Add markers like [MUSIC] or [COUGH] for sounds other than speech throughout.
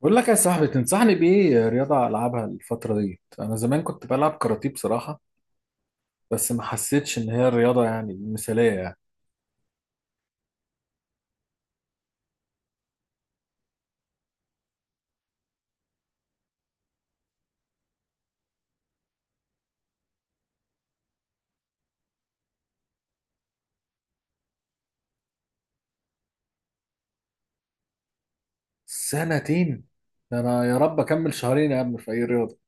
بقول لك يا صاحبي، تنصحني بإيه رياضة ألعبها الفترة دي؟ أنا زمان كنت بلعب كاراتيه بصراحة، بس ما حسيتش إن هي الرياضة يعني المثالية يعني. سنتين؟ ده أنا يا رب أكمل شهرين يا عم في أي رياضة.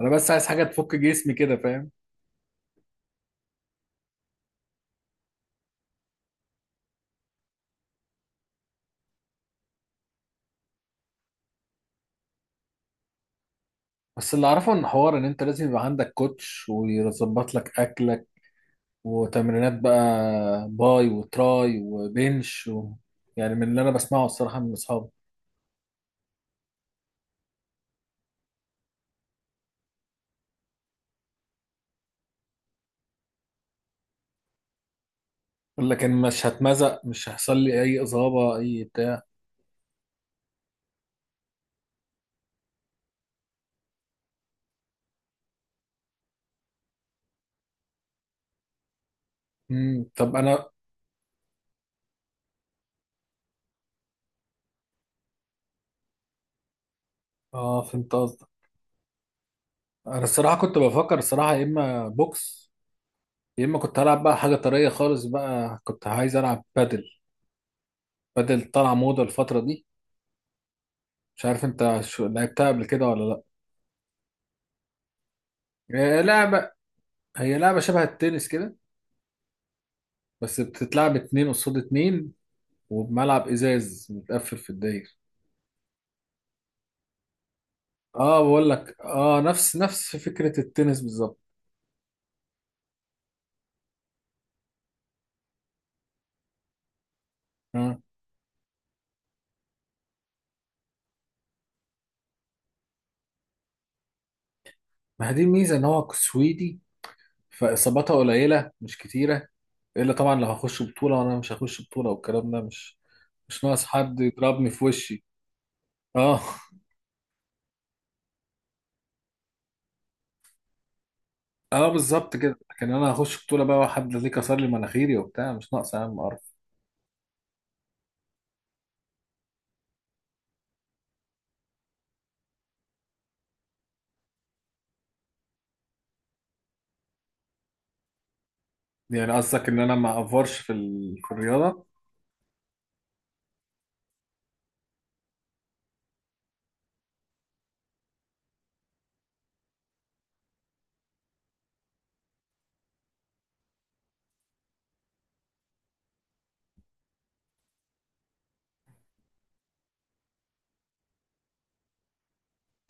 أنا بس عايز حاجة تفك جسمي كده، فاهم؟ بس اللي أعرفه إن حوار إن أنت لازم يبقى عندك كوتش ويظبط لك أكلك وتمرينات بقى باي وتراي وبنش يعني من اللي أنا بسمعه الصراحة من أصحابي. لكن مش هتمزق، مش هيحصل لي أي إصابة أي بتاع؟ مم. طب انا، اه فهمت قصدك. انا الصراحه كنت بفكر الصراحه، يا اما بوكس يا اما كنت هلعب بقى حاجه طريه خالص، بقى كنت عايز العب بادل. بادل طالعه موضه الفتره دي. مش عارف انت شو لعبتها قبل كده ولا لا؟ هي لعبه هي لعبه شبه التنس كده، بس بتتلعب اتنين قصاد اتنين، وبملعب ازاز متقفل في الداير. اه، بقول لك، نفس فكره التنس بالظبط. آه. ما هي دي الميزه، ان هو سويدي، فاصاباتها قليله مش كتيره. الا طبعا لو هخش بطوله، وانا مش هخش بطوله، والكلام ده مش ناقص حد يضربني في وشي. اه، اه، بالظبط كده. لكن انا هخش بطوله بقى، وحد ليه كسر لي مناخيري وبتاع؟ مش ناقص يا عم قرف. يعني قصدك ان انا ما افورش في الرياضه؟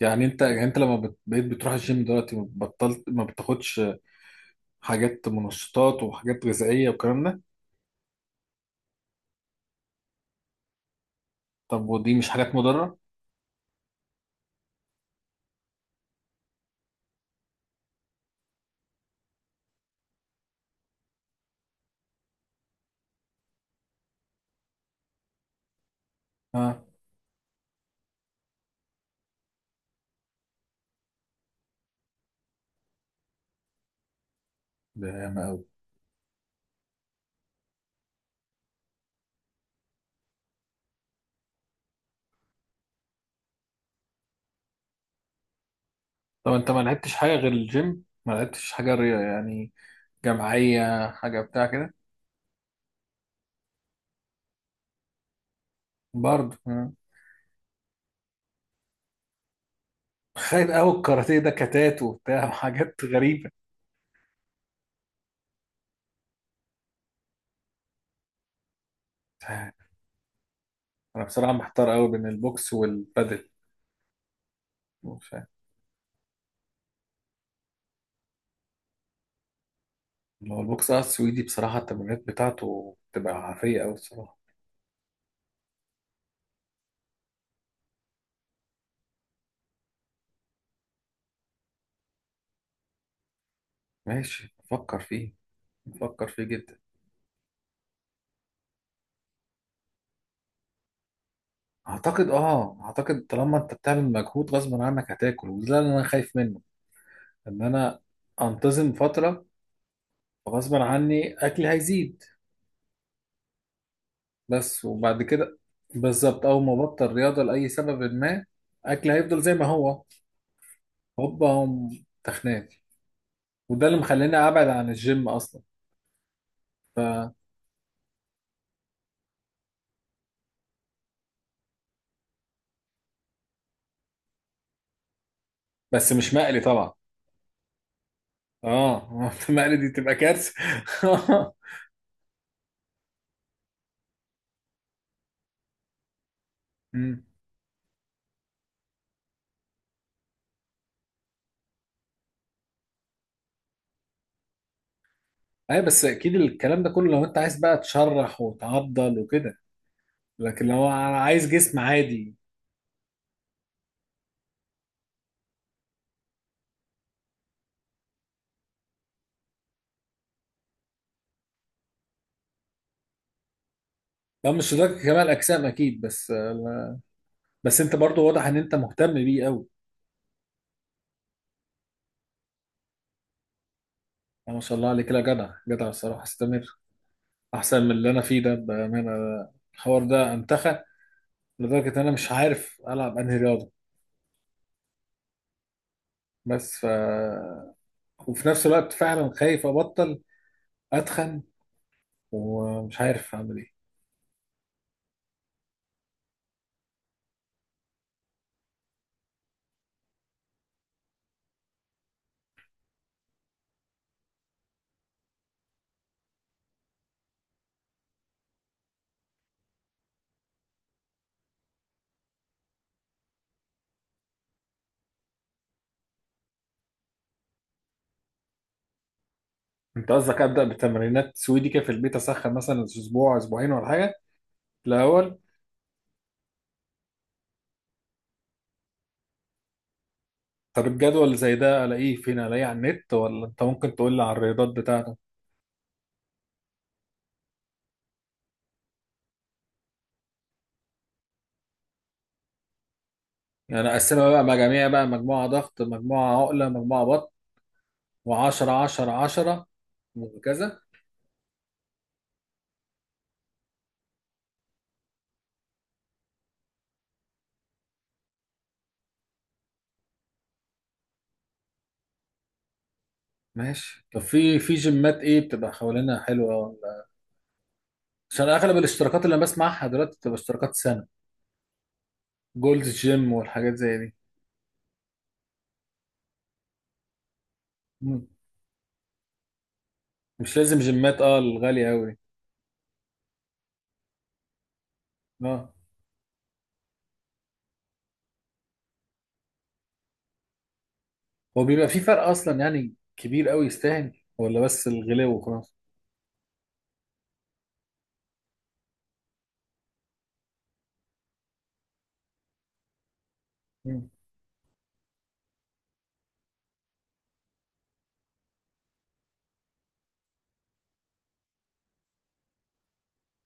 يعني انت لما بقيت بتروح الجيم دلوقتي، ما بطلت، ما بتاخدش حاجات منشطات وحاجات غذائيه والكلام ده؟ طب ودي مش حاجات مضره؟ اه، ده ياما قوي. طب انت ما لعبتش حاجه غير الجيم؟ ما لعبتش حاجه رياضه يعني جماعية، حاجة بتاع كده؟ برضه مم. خايف قوي الكاراتيه ده كتات وبتاع [LAUGHS] وحاجات غريبة. مش عارف. أنا بصراحة محتار قوي بين البوكس والبادل. مش عارف. هو البوكس، السويدي، بصراحة التمرينات بتاعته بتبقى عافية قوي الصراحة. ماشي، بفكر فيه، بفكر فيه جدا. أعتقد طالما أنت بتعمل مجهود غصب عنك هتاكل، وده اللي أنا خايف منه، إن أنا أنتظم فترة، غصب عني أكلي هيزيد. بس وبعد كده، بالظبط اول ما بطل رياضه لاي سبب ما، اكل هيفضل زي ما هو. هوبا هم تخنات. وده اللي مخليني ابعد عن الجيم اصلا. ف... بس مش مقلي طبعا. اه، [LAUGHS] مقلي دي تبقى كارثه. [LAUGHS] أمم. ايوه، بس اكيد الكلام ده كله لو انت عايز بقى تشرح وتعضل وكده. لكن لو انا عايز جسم عادي، ده مش لدرجه كمال اجسام اكيد، بس. بس انت برضو واضح ان انت مهتم بيه قوي. ما شاء الله عليك، لا، جدع جدع الصراحه، استمر. احسن من اللي انا فيه ده، بامانه. الحوار ده انتخى، لدرجه ان انا مش عارف العب انهي رياضه. بس وفي نفس الوقت فعلا خايف ابطل، اتخن، ومش عارف اعمل ايه. انت قصدك ابدا بتمرينات سويدي كده في البيت، اسخن مثلا اسبوع اسبوعين ولا حاجه الاول؟ طب الجدول اللي زي ده الاقيه فين؟ الاقيه على النت ولا انت ممكن تقول لي على الرياضات بتاعته؟ يعني اقسمها بقى مجاميع، بقى مجموعه ضغط، مجموعه عقله، مجموعه بطن، و10 10 10 وهكذا. ماشي. طب في جيمات ايه بتبقى حوالينا حلوه ولا؟ عشان اغلب الاشتراكات اللي انا بسمعها دلوقتي بتبقى اشتراكات سنه. جولد جيم والحاجات زي دي. مم. مش لازم جيمات الغاليه قوي. اه، هو بيبقى في فرق اصلا يعني كبير قوي يستاهل ولا بس الغلاوه وخلاص؟ مم.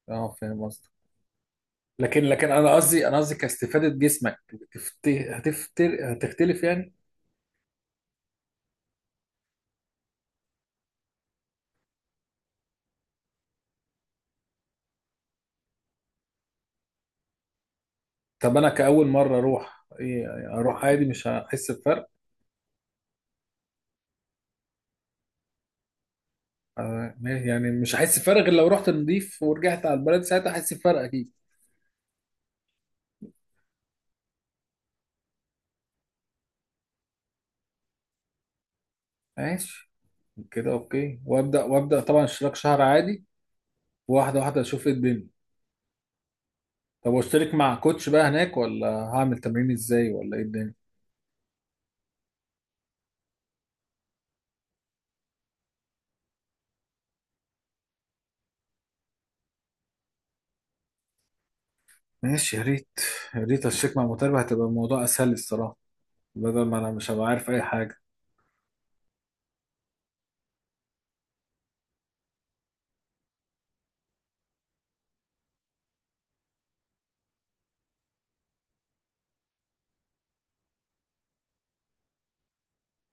اه، فاهم قصدي. لكن انا قصدي كاستفاده جسمك هتفتر، هتختلف يعني؟ طب انا كاول مره اروح ايه؟ اروح عادي مش هحس بفرق؟ آه، يعني مش هحس بفرق غير لو رحت نضيف ورجعت على البلد، ساعتها هحس بفرق اكيد. ماشي. كده اوكي، وابدا طبعا اشتراك شهر عادي، واحده واحده اشوف ايه الدنيا. طب واشترك مع كوتش بقى هناك ولا هعمل تمرين ازاي ولا ايه الدنيا؟ ماشي، يا ريت. يا ريت اشترك مع مدرب، هتبقى الموضوع اسهل لي الصراحه، بدل ما انا مش هبقى عارف اي حاجه.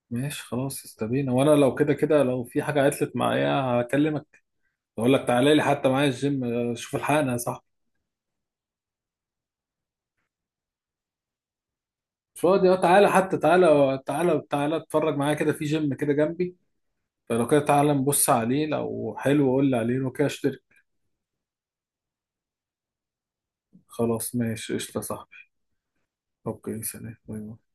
ماشي خلاص، استبينا. وانا لو كده كده لو في حاجه عطلت معايا هكلمك، اقول لك تعالى لي حتى معايا الجيم، شوف الحقنا يا صاحبي. مش فاضي، تعالى حتى، تعالى تعالى تعالى اتفرج معايا كده في جيم كده جنبي. فلو كده تعالى نبص عليه، لو حلو قول لي عليه، لو كده اشترك. خلاص ماشي قشطة يا صاحبي. اوكي، سلام باي باي.